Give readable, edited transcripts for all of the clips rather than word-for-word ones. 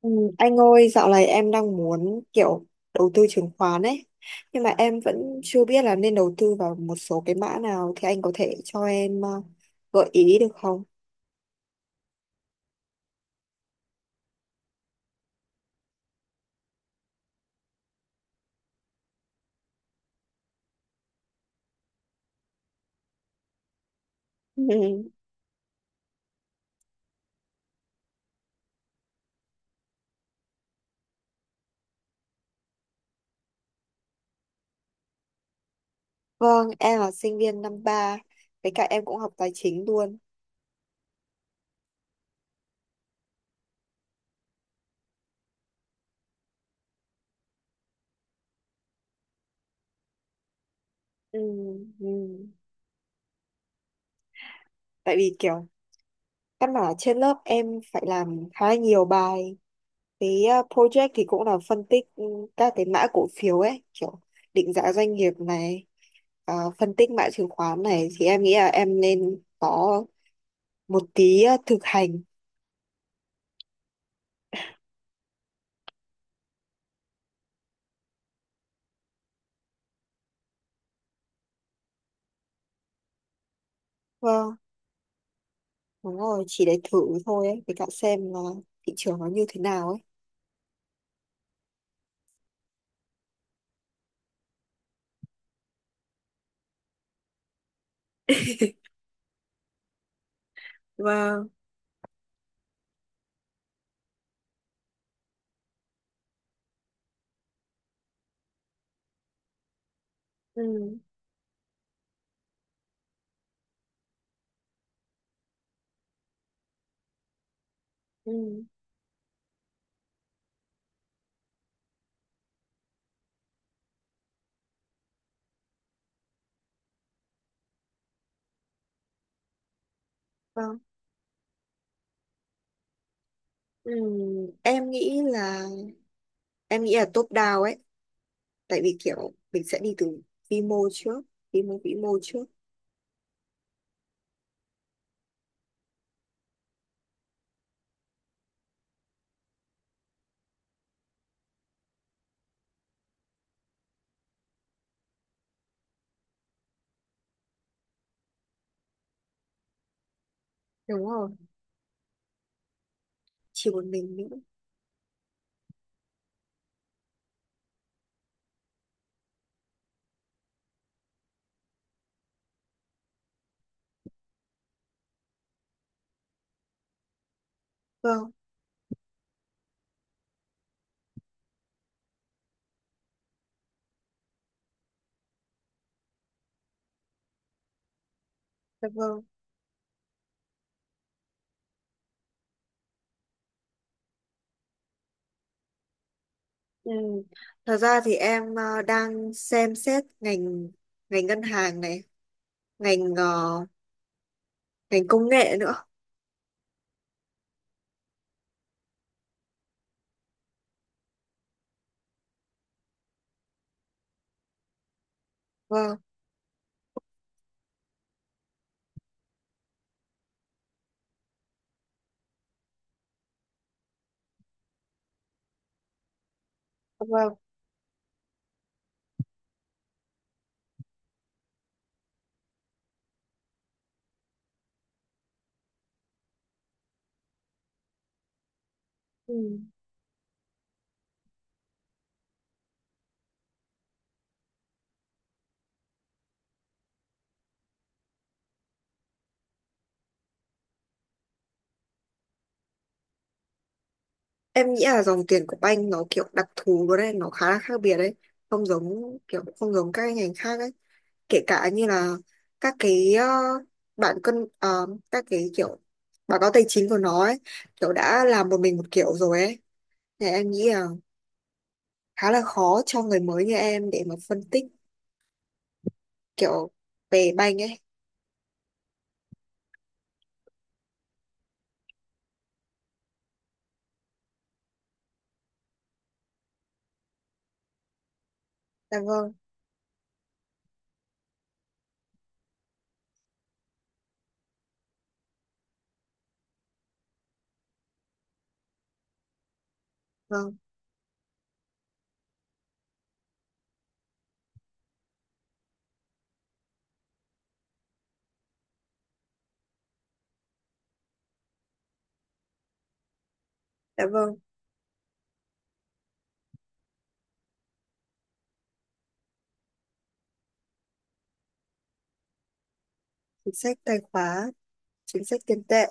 Ừ, Anh ơi, dạo này em đang muốn kiểu đầu tư chứng khoán ấy, nhưng mà em vẫn chưa biết là nên đầu tư vào một số cái mã nào thì anh có thể cho em gợi ý được không? Ừ. Vâng, em là sinh viên năm ba, với cả em cũng học tài chính luôn. Ừ, ừ. Tại vì kiểu căn bản là trên lớp em phải làm khá là nhiều bài cái project thì cũng là phân tích các cái mã cổ phiếu ấy kiểu định giá doanh nghiệp này phân tích mã chứng khoán này thì em nghĩ là em nên có một tí thực hành. Vâng, đúng rồi, chỉ để thử thôi ấy, với cả xem là thị trường nó như thế nào ấy. Vâng. Ừ. Ừ. Vâng. Ừ. em nghĩ là em nghĩ là top down ấy, tại vì kiểu mình sẽ đi từ vi mô trước vi mô vĩ mô trước. Đúng rồi, chỉ một mình nữa. Vâng. Dạ vâng. Ừ. Thật ra thì em đang xem xét ngành ngành ngân hàng này, ngành ngành công nghệ nữa. Vâng, dạ vâng. Ừ. Em nghĩ là dòng tiền của banh nó kiểu đặc thù luôn đấy, nó khá là khác biệt đấy, không giống các cái ngành khác ấy. Kể cả như là các cái bạn cân các cái kiểu báo cáo tài chính của nó ấy, kiểu đã làm một mình một kiểu rồi ấy. Thì em nghĩ là khá là khó cho người mới như em để mà phân tích kiểu về banh ấy. Dạ vâng. Vâng. Dạ vâng. Chính sách tài khóa, chính sách tiền tệ.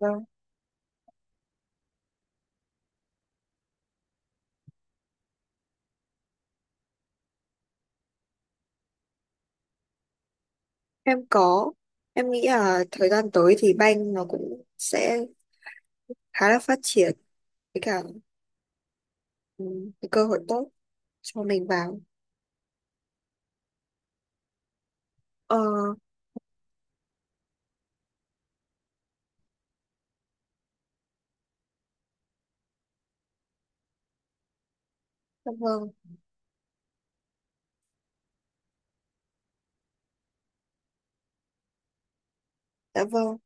Vâng. Em có, em nghĩ là thời gian tới thì banh nó cũng sẽ khá là phát triển, với cả ừ, cái cơ hội tốt cho mình vào. Ờ, dạ vâng. Dạ vâng.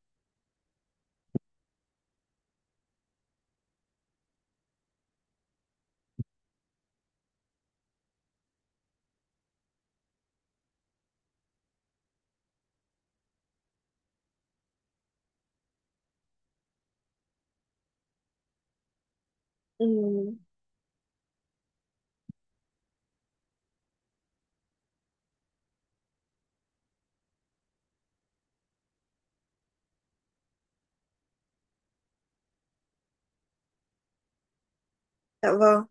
ừ, dạ vâng.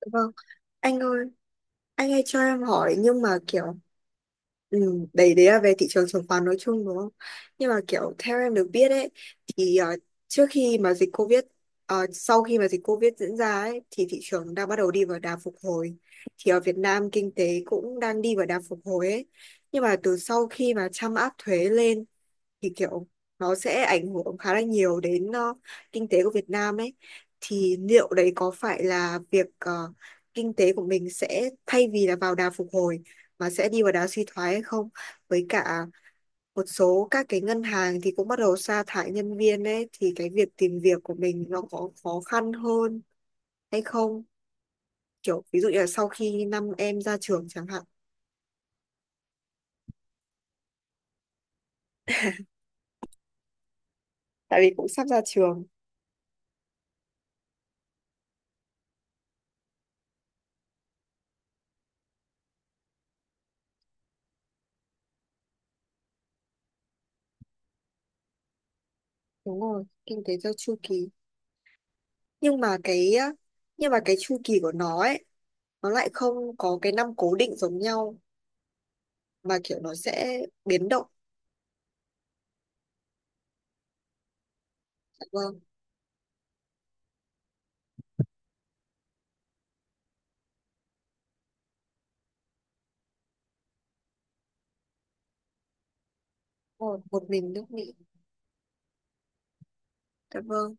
Dạ vâng. Anh ơi, anh ơi cho em hỏi, nhưng mà kiểu Ừ, đấy đấy là về thị trường chứng khoán nói chung đúng không? Nhưng mà kiểu theo em được biết ấy, thì trước khi mà dịch Covid, sau khi mà dịch Covid diễn ra ấy, thì thị trường đang bắt đầu đi vào đà phục hồi. Thì ở Việt Nam kinh tế cũng đang đi vào đà phục hồi ấy. Nhưng mà từ sau khi mà Trump áp thuế lên thì kiểu nó sẽ ảnh hưởng khá là nhiều đến kinh tế của Việt Nam ấy, thì liệu đấy có phải là việc kinh tế của mình sẽ thay vì là vào đà phục hồi mà sẽ đi vào đà suy thoái hay không, với cả một số các cái ngân hàng thì cũng bắt đầu sa thải nhân viên ấy, thì cái việc tìm việc của mình nó có khó khăn hơn hay không, kiểu ví dụ như là sau khi năm em ra trường chẳng hạn, tại vì cũng sắp ra trường. Đúng rồi, kinh tế theo chu kỳ, nhưng mà cái nhưng mà cái chu kỳ của nó ấy, nó lại không có cái năm cố định giống nhau, mà kiểu nó sẽ biến động. Dạ vâng. Ồ, một mình nước Mỹ. Dạ vâng.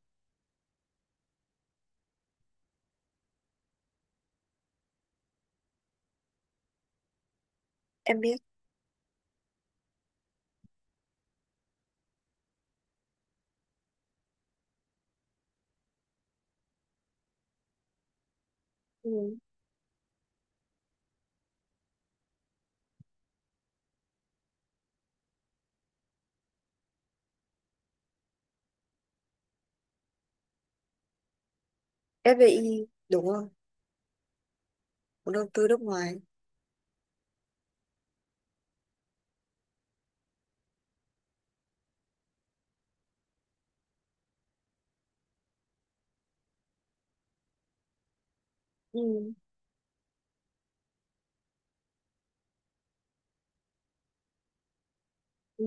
Em biết. Ừ. FDI đúng không, vốn đầu tư nước ngoài. Ừ. Ừ.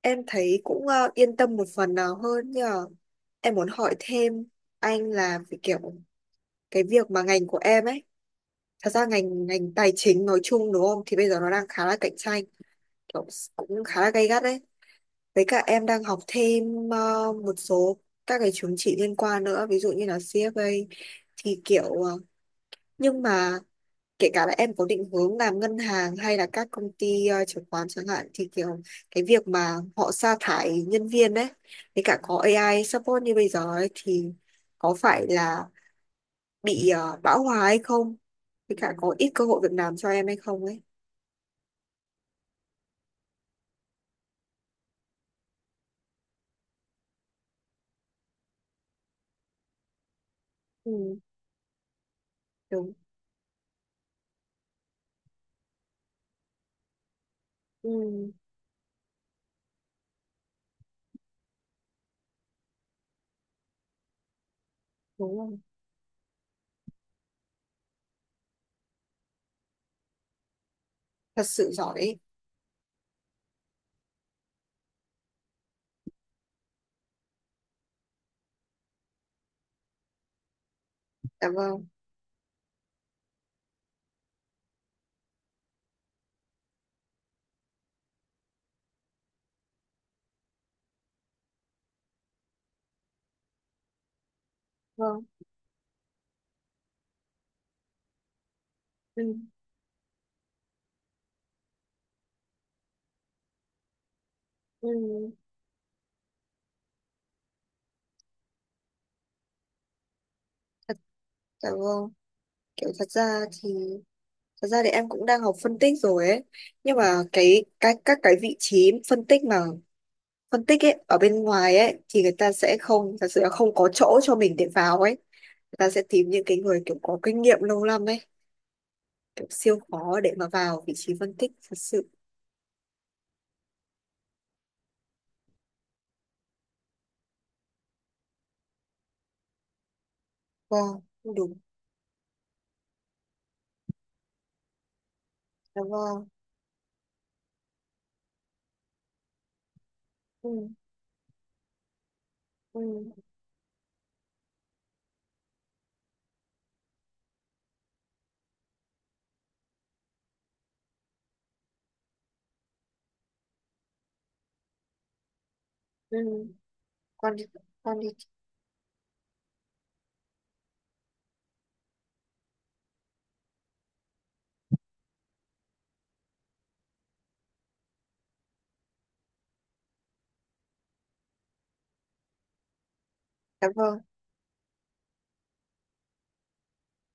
Em thấy cũng yên tâm một phần nào hơn, nhưng mà em muốn hỏi thêm anh là về kiểu cái việc mà ngành của em ấy, thật ra ngành ngành tài chính nói chung đúng không, thì bây giờ nó đang khá là cạnh tranh, kiểu cũng khá là gay gắt đấy. Với cả em đang học thêm một số các cái chứng chỉ liên quan nữa, ví dụ như là CFA, thì kiểu nhưng mà kể cả là em có định hướng làm ngân hàng hay là các công ty chứng khoán chẳng hạn, thì kiểu cái việc mà họ sa thải nhân viên đấy, với cả có AI support như bây giờ ấy, thì có phải là bị bão hòa hay không? Với cả có ít cơ hội việc làm cho em hay không ấy. Ừ, đúng. Ừ, đúng rồi. Thật sự giỏi ấy. Dạ vâng. Vâng. Ừ. Ừ, thật. Dạ vâng. kiểu thật ra thì Thật ra thì em cũng đang học phân tích rồi ấy, nhưng mà cái các cái vị trí phân tích mà phân tích ấy ở bên ngoài ấy thì người ta sẽ không thật sự là không có chỗ cho mình để vào ấy. Người ta sẽ tìm những cái người kiểu có kinh nghiệm lâu năm ấy, kiểu siêu khó để mà vào vị trí phân tích thật sự. Vâng. Đúng. Dạ vâng. Ừ. Ừ. Ừ. Con đi, con đi. Dạ vâng,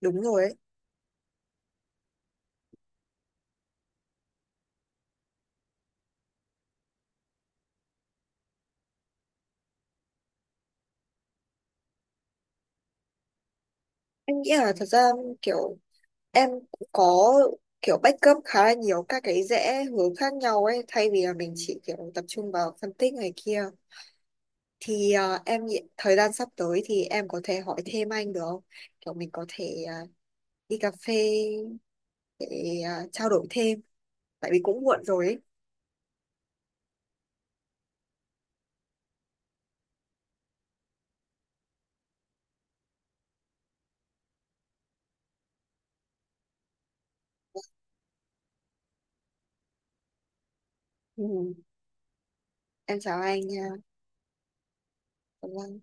đúng rồi ấy. Em nghĩ là thật ra kiểu Em cũng có kiểu backup khá là nhiều các cái rẽ hướng khác nhau ấy, thay vì là mình chỉ kiểu tập trung vào phân tích này kia, thì em nghĩ thời gian sắp tới thì em có thể hỏi thêm anh được không, kiểu mình có thể đi cà phê để trao đổi thêm, tại vì cũng muộn rồi ấy. Ừ. Em chào anh nha. Cảm ơn.